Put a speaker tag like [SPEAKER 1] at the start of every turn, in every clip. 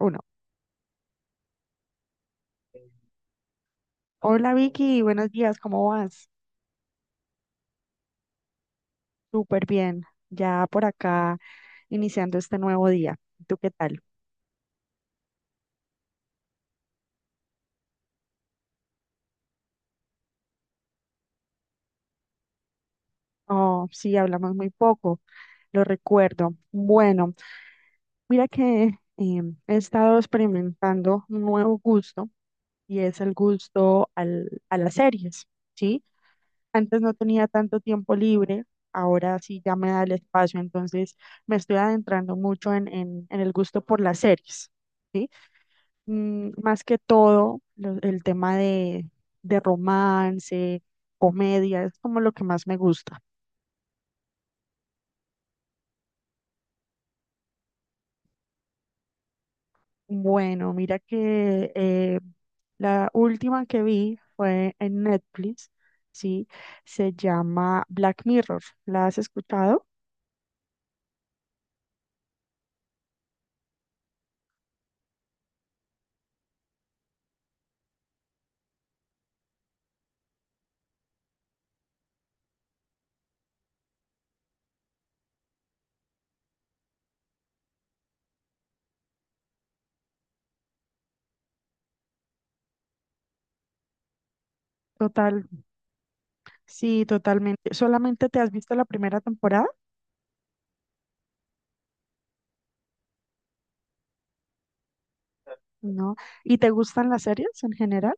[SPEAKER 1] Uno. Hola Vicky, buenos días, ¿cómo vas? Súper bien, ya por acá iniciando este nuevo día. ¿Tú qué tal? Oh, sí, hablamos muy poco, lo recuerdo. Bueno, mira que he estado experimentando un nuevo gusto y es el gusto a las series, ¿sí? Antes no tenía tanto tiempo libre, ahora sí ya me da el espacio, entonces me estoy adentrando mucho en el gusto por las series. ¿Sí? Mm, más que todo, el tema de romance, comedia, es como lo que más me gusta. Bueno, mira que la última que vi fue en Netflix, ¿sí? Se llama Black Mirror. ¿La has escuchado? Total, sí, totalmente. ¿Solamente te has visto la primera temporada? ¿No? ¿Y te gustan las series en general?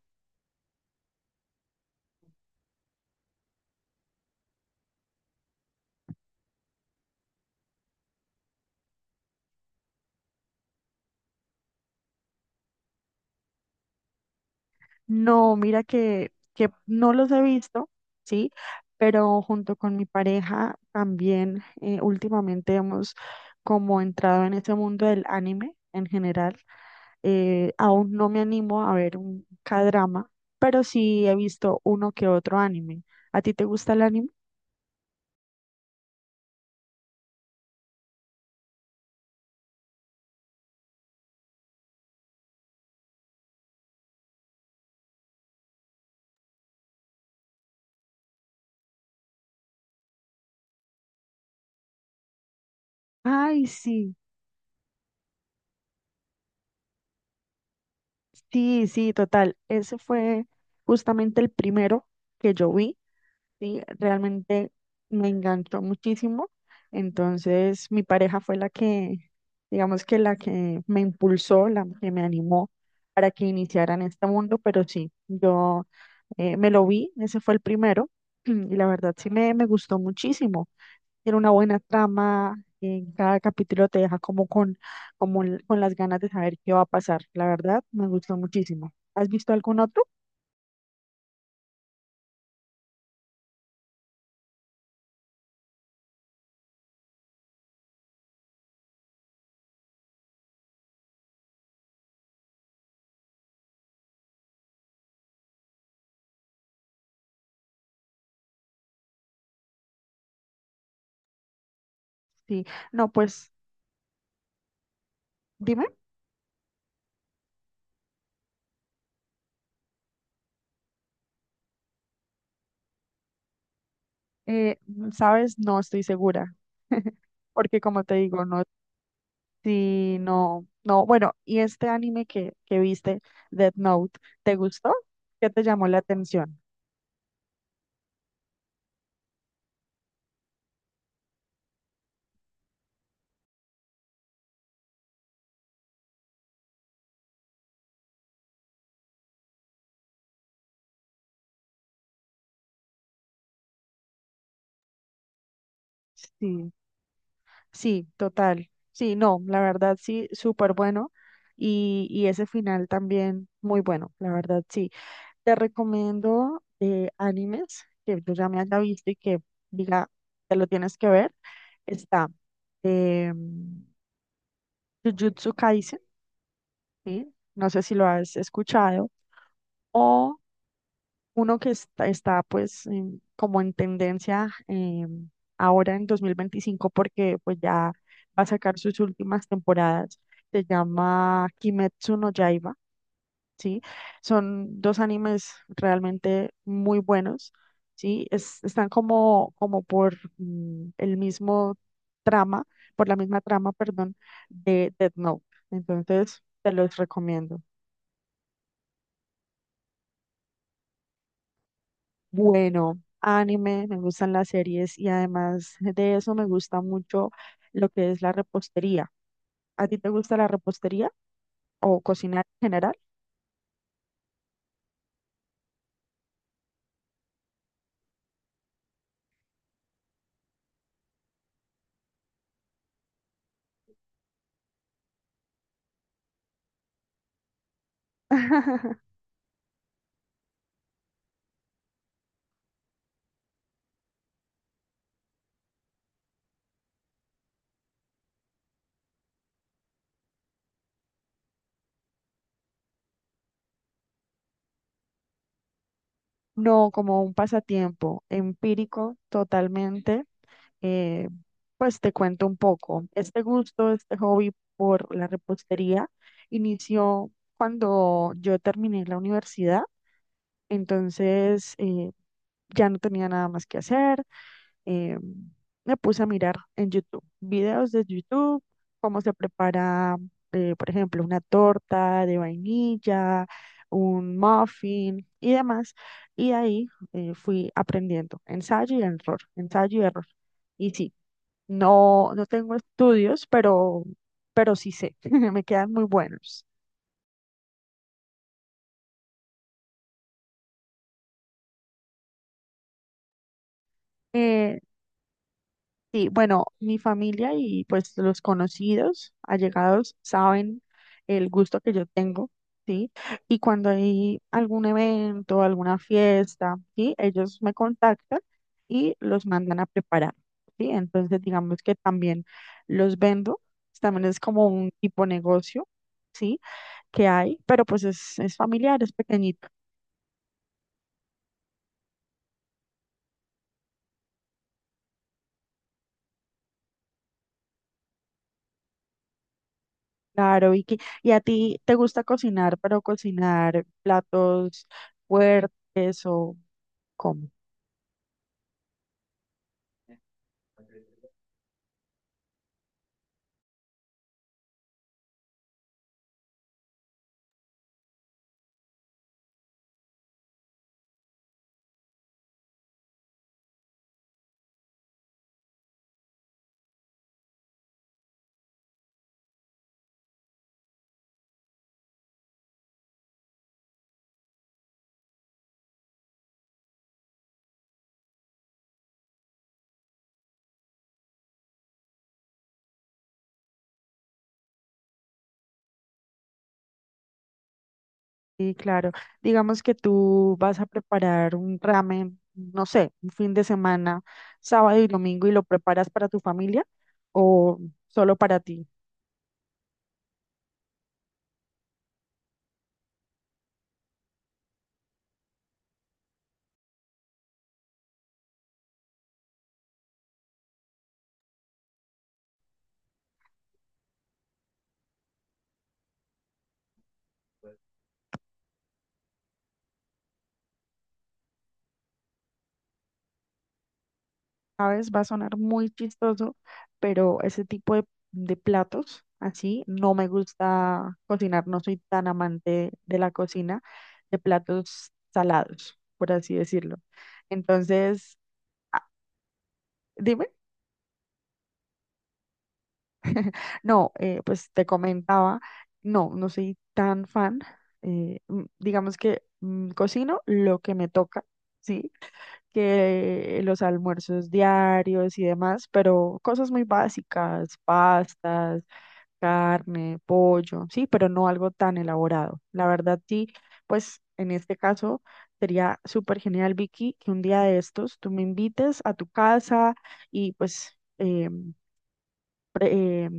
[SPEAKER 1] No, mira que no los he visto, ¿sí? Pero junto con mi pareja también últimamente hemos como entrado en ese mundo del anime en general. Aún no me animo a ver un k pero sí he visto uno que otro anime. ¿A ti te gusta el anime? Ay, sí. Sí, sí, total. Ese fue justamente el primero que yo vi. Sí, realmente me enganchó muchísimo. Entonces, mi pareja fue la que, digamos que la que me impulsó, la que me animó para que iniciara en este mundo. Pero sí, yo me lo vi, ese fue el primero. Y la verdad sí me gustó muchísimo. Tiene una buena trama, en cada capítulo te deja como con, como con las ganas de saber qué va a pasar. La verdad, me gustó muchísimo. ¿Has visto algún otro? Sí. No, pues dime, eh, ¿sabes? No estoy segura. Porque como te digo, no, sí, no, no. Bueno, ¿y este anime que viste, Death Note, te gustó? ¿Qué te llamó la atención? Sí. Sí, total. Sí, no, la verdad sí, súper bueno. Y ese final también muy bueno, la verdad sí. Te recomiendo animes que yo ya me haya visto y que diga, te lo tienes que ver. Está eh, Jujutsu Kaisen, ¿sí? No sé si lo has escuchado. O uno que está, pues como en tendencia ahora en 2025 porque pues ya va a sacar sus últimas temporadas. Se llama Kimetsu no Yaiba, ¿sí? Son dos animes realmente muy buenos, ¿sí? Están como, como por el mismo trama, por la misma trama, perdón, de Death Note. Entonces, te los recomiendo. Bueno, anime, me gustan las series y además de eso me gusta mucho lo que es la repostería. ¿A ti te gusta la repostería o cocinar en general? No, como un pasatiempo empírico totalmente. Eh, pues te cuento un poco. Este gusto, este hobby por la repostería inició cuando yo terminé la universidad, entonces ya no tenía nada más que hacer. eh, me puse a mirar en YouTube, videos de YouTube, cómo se prepara, por ejemplo, una torta de vainilla, un muffin y demás. Y ahí fui aprendiendo, ensayo y error, ensayo y error. Y sí, no tengo estudios, pero sí sé, me quedan muy buenos. Eh, Sí, bueno, mi familia y pues los conocidos, allegados, saben el gusto que yo tengo, ¿sí? Y cuando hay algún evento, alguna fiesta, ¿sí? Ellos me contactan y los mandan a preparar, ¿sí? Entonces, digamos que también los vendo, también es como un tipo negocio, ¿sí? Que hay, pero pues es familiar, es pequeñito. Claro, Vicky. ¿Y a ti te gusta cocinar, pero cocinar platos fuertes o... Como. Y claro, digamos que tú vas a preparar un ramen, no sé, un fin de semana, sábado y domingo, y lo preparas para tu familia o solo para ti. ¿Sabes? Va a sonar muy chistoso, pero ese tipo de platos así no me gusta cocinar, no soy tan amante de la cocina, de platos salados, por así decirlo. Entonces, ah, dime. No, pues te comentaba, no, no soy tan fan. Eh, mm, digamos que cocino lo que me toca, ¿sí? Que los almuerzos diarios y demás, pero cosas muy básicas, pastas, carne, pollo, sí, pero no algo tan elaborado. La verdad, sí, pues en este caso sería súper genial, Vicky, que un día de estos tú me invites a tu casa y pues... pre- eh,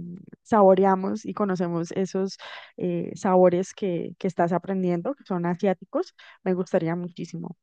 [SPEAKER 1] saboreamos y conocemos esos sabores que estás aprendiendo, que son asiáticos, me gustaría muchísimo.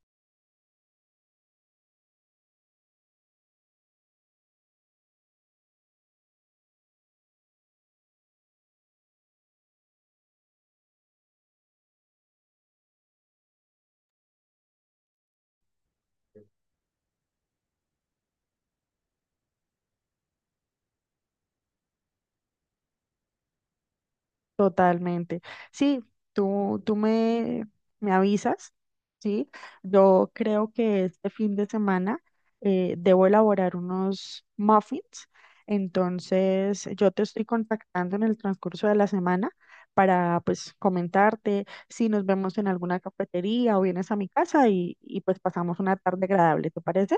[SPEAKER 1] Totalmente. Sí, tú me avisas, ¿sí? Yo creo que este fin de semana debo elaborar unos muffins, entonces yo te estoy contactando en el transcurso de la semana para pues comentarte si nos vemos en alguna cafetería o vienes a mi casa y pues pasamos una tarde agradable, ¿te parece?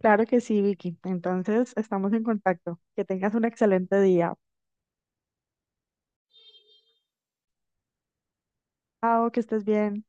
[SPEAKER 1] Claro que sí, Vicky. Entonces estamos en contacto. Que tengas un excelente día. Chao, que estés bien.